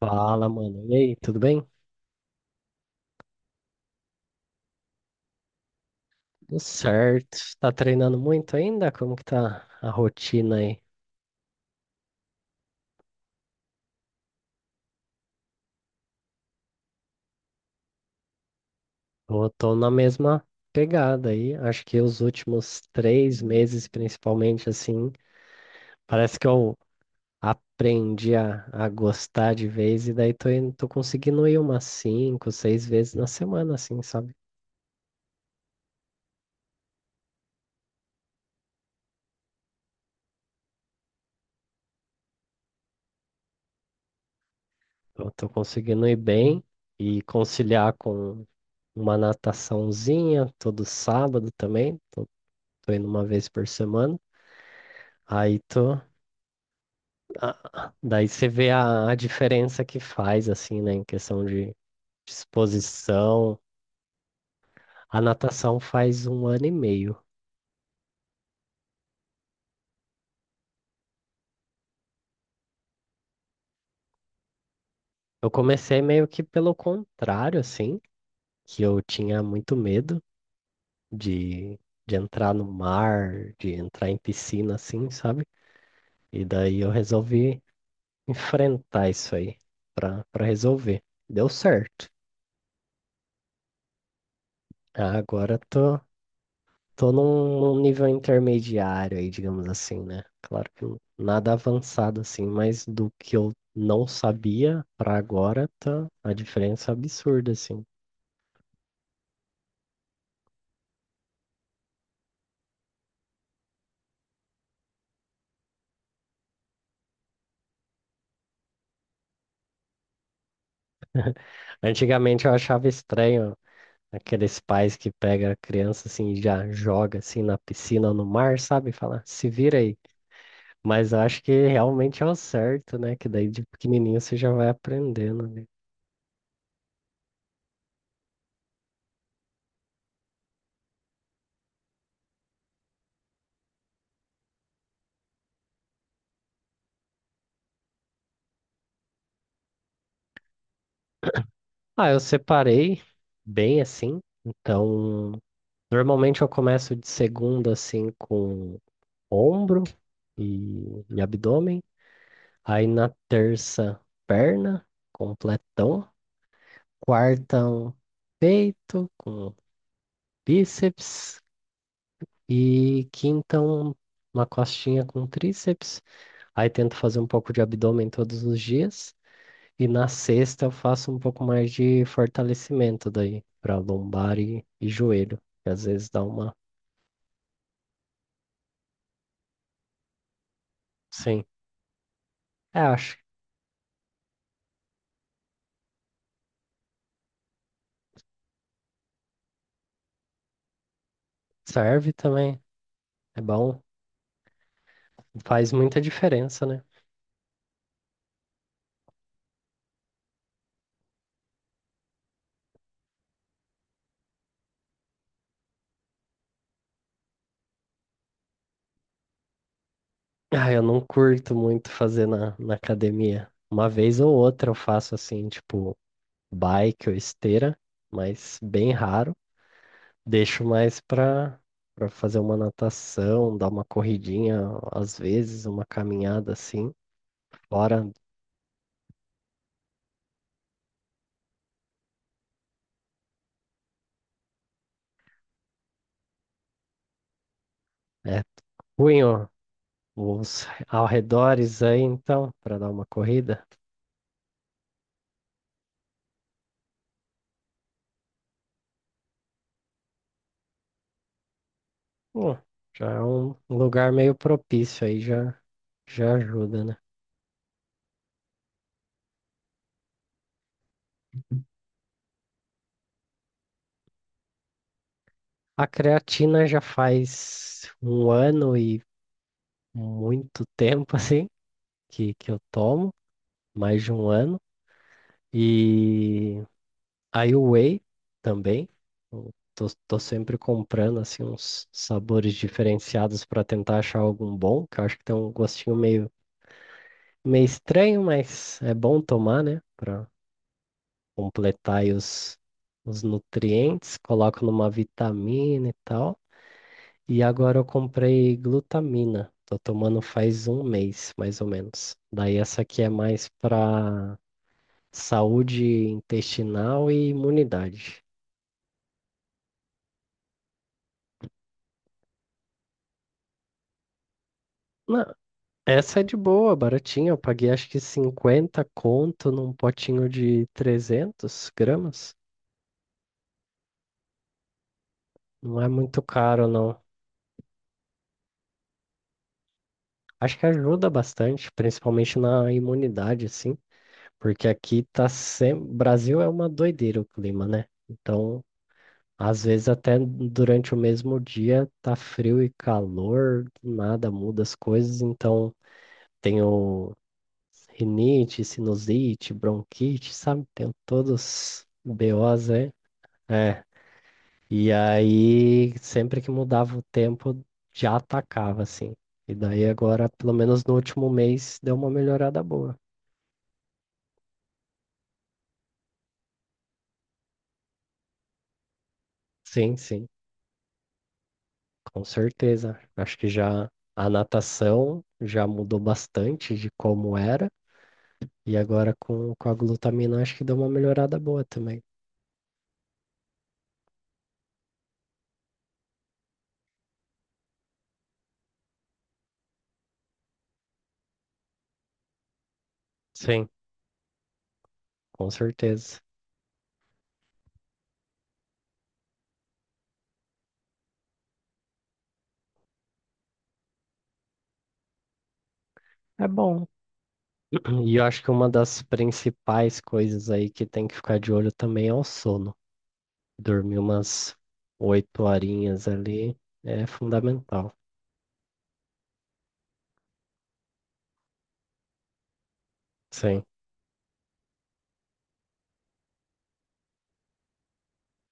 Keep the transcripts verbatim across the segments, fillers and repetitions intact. Fala, mano. E aí, tudo bem? Tudo certo. Tá treinando muito ainda? Como que tá a rotina aí? Eu tô na mesma pegada aí. Acho que os últimos três meses, principalmente, assim, parece que eu aprendi a, a gostar de vez e daí tô, indo- tô conseguindo ir umas cinco, seis vezes na semana, assim, sabe? Eu tô conseguindo ir bem e conciliar com uma nataçãozinha todo sábado também. Tô, tô indo uma vez por semana. Aí tu, ah, Daí você vê a, a diferença que faz, assim, né, em questão de disposição. A natação faz um ano e meio. Eu comecei meio que pelo contrário, assim, que eu tinha muito medo de, de entrar no mar, de entrar em piscina, assim, sabe? E daí eu resolvi enfrentar isso aí pra, pra resolver. Deu certo. Agora tô, Tô num, num nível intermediário aí, digamos assim, né? Claro que n- nada avançado assim, mas do que eu não sabia pra agora tá, a diferença é absurda assim. Antigamente eu achava estranho aqueles pais que pega a criança assim e já joga assim na piscina ou no mar, sabe? Fala, se vira aí. Mas eu acho que realmente é o certo, né? Que daí de pequenininho você já vai aprendendo, né? Ah, eu separei bem assim, então normalmente eu começo de segunda assim com ombro e, e abdômen. Aí na terça, perna, completão. Quarta, um peito com bíceps. E quinta, um- uma costinha com tríceps. Aí tento fazer um pouco de abdômen todos os dias. E na sexta eu faço um pouco mais de fortalecimento daí, para lombar e, e joelho. Que às vezes dá uma. Sim. É, acho que serve também. É bom, faz muita diferença, né? Ah, eu não curto muito fazer na, na academia. Uma vez ou outra eu faço assim, tipo, bike ou esteira, mas bem raro. Deixo mais pra, pra fazer uma natação, dar uma corridinha, às vezes, uma caminhada assim. Fora, é ruim, ó, os arredores aí, então, pra dar uma corrida. Pô, já é um lugar meio propício aí, já, já ajuda, né? A creatina já faz um ano e muito tempo, assim, que, que eu tomo, mais de um ano. E aí o whey também. Eu Tô, tô sempre comprando, assim, uns sabores diferenciados para tentar achar algum bom, que eu acho que tem um gostinho meio, meio estranho, mas é bom tomar, né? Para completar aí os, os nutrientes. Coloco numa vitamina e tal. E agora eu comprei glutamina. Tô tomando faz um mês, mais ou menos. Daí essa aqui é mais pra saúde intestinal e imunidade. Não, essa é de boa, baratinha. Eu paguei acho que cinquenta conto num potinho de trezentos gramas. Não é muito caro, não. Acho que ajuda bastante, principalmente na imunidade, assim, porque aqui tá sempre. Brasil é uma doideira o clima, né? Então, às vezes até durante o mesmo dia tá frio e calor, do nada muda as coisas, então tenho rinite, sinusite, bronquite, sabe? Tenho todos os B Os aí. É. E aí, sempre que mudava o tempo, já atacava, assim. E daí agora, pelo menos no último mês, deu uma melhorada boa. Sim, sim, com certeza. Acho que já a natação já mudou bastante de como era. E agora com, com a glutamina, acho que deu uma melhorada boa também. Sim. Com certeza. É bom. E eu acho que uma das principais coisas aí que tem que ficar de olho também é o sono. Dormir umas oito horinhas ali é fundamental. Sim.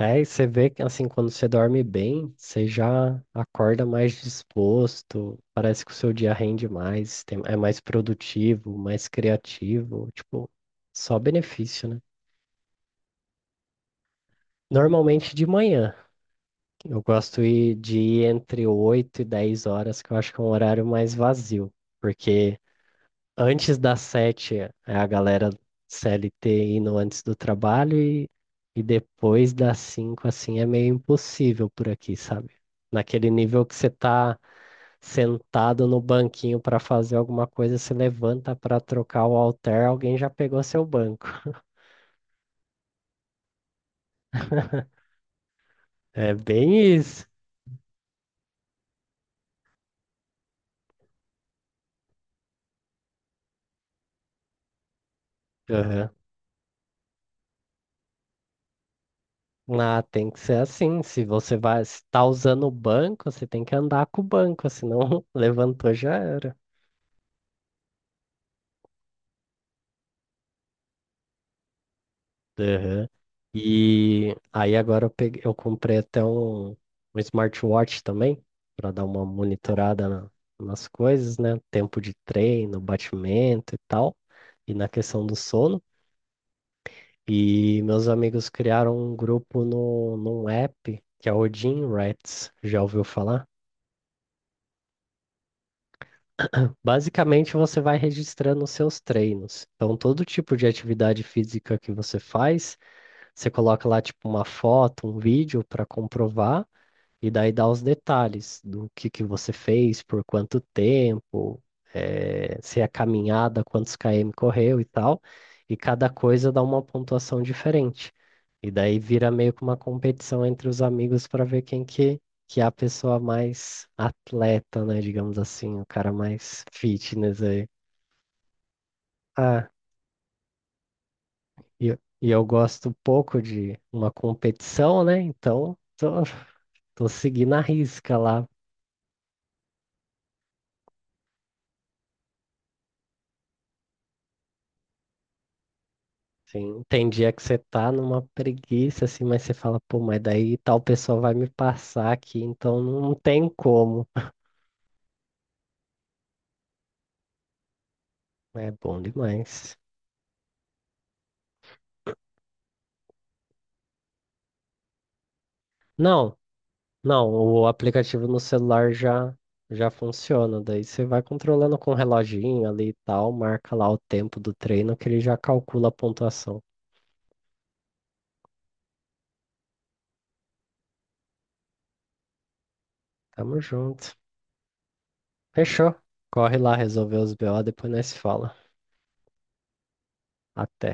É, e você vê que assim, quando você dorme bem, você já acorda mais disposto, parece que o seu dia rende mais, tem- é mais produtivo, mais criativo, tipo, só benefício, né? Normalmente de manhã. Eu gosto ir- de ir entre oito e dez horas, que eu acho que é um horário mais vazio. Porque antes das sete é a galera C L T indo antes do trabalho e, e depois das cinco assim, é meio impossível por aqui, sabe? Naquele nível que você tá sentado no banquinho para fazer alguma coisa, se levanta para trocar o halter, alguém já pegou seu banco. É bem isso. Ah, tem que ser assim. Se você vai estar usando o banco, você tem que andar com o banco, senão levantou já era. Aham. E aí agora eu peguei, eu comprei até um, um smartwatch também, para dar uma monitorada na- nas coisas, né? Tempo de treino, batimento e tal, e na questão do sono. E meus amigos criaram um grupo no, num app que é o Gym Rats. Já ouviu falar? Basicamente, você vai registrando os seus treinos. Então, todo tipo de atividade física que você faz, você coloca lá, tipo, uma foto, um vídeo para comprovar. E daí dá os detalhes do que que você fez, por quanto tempo, eh, se é caminhada, quantos km correu e tal. E cada coisa dá uma pontuação diferente. E daí vira meio que uma competição entre os amigos para ver quem que, que é a pessoa mais atleta, né? Digamos assim, o cara mais fitness aí. Ah, e, eu- e eu gosto pouco de uma competição, né? Então, tô, tô seguindo a risca lá. Sim, tem dia que você tá numa preguiça, assim, mas você fala, pô, mas daí tal pessoa vai me passar aqui, então não tem como. É bom demais. Não, não, o aplicativo no celular já, já funciona, daí você vai controlando com o reloginho ali e tal, marca lá o tempo do treino que ele já calcula a pontuação. Tamo junto. Fechou. Corre lá resolver os B O, depois nós se fala. Até.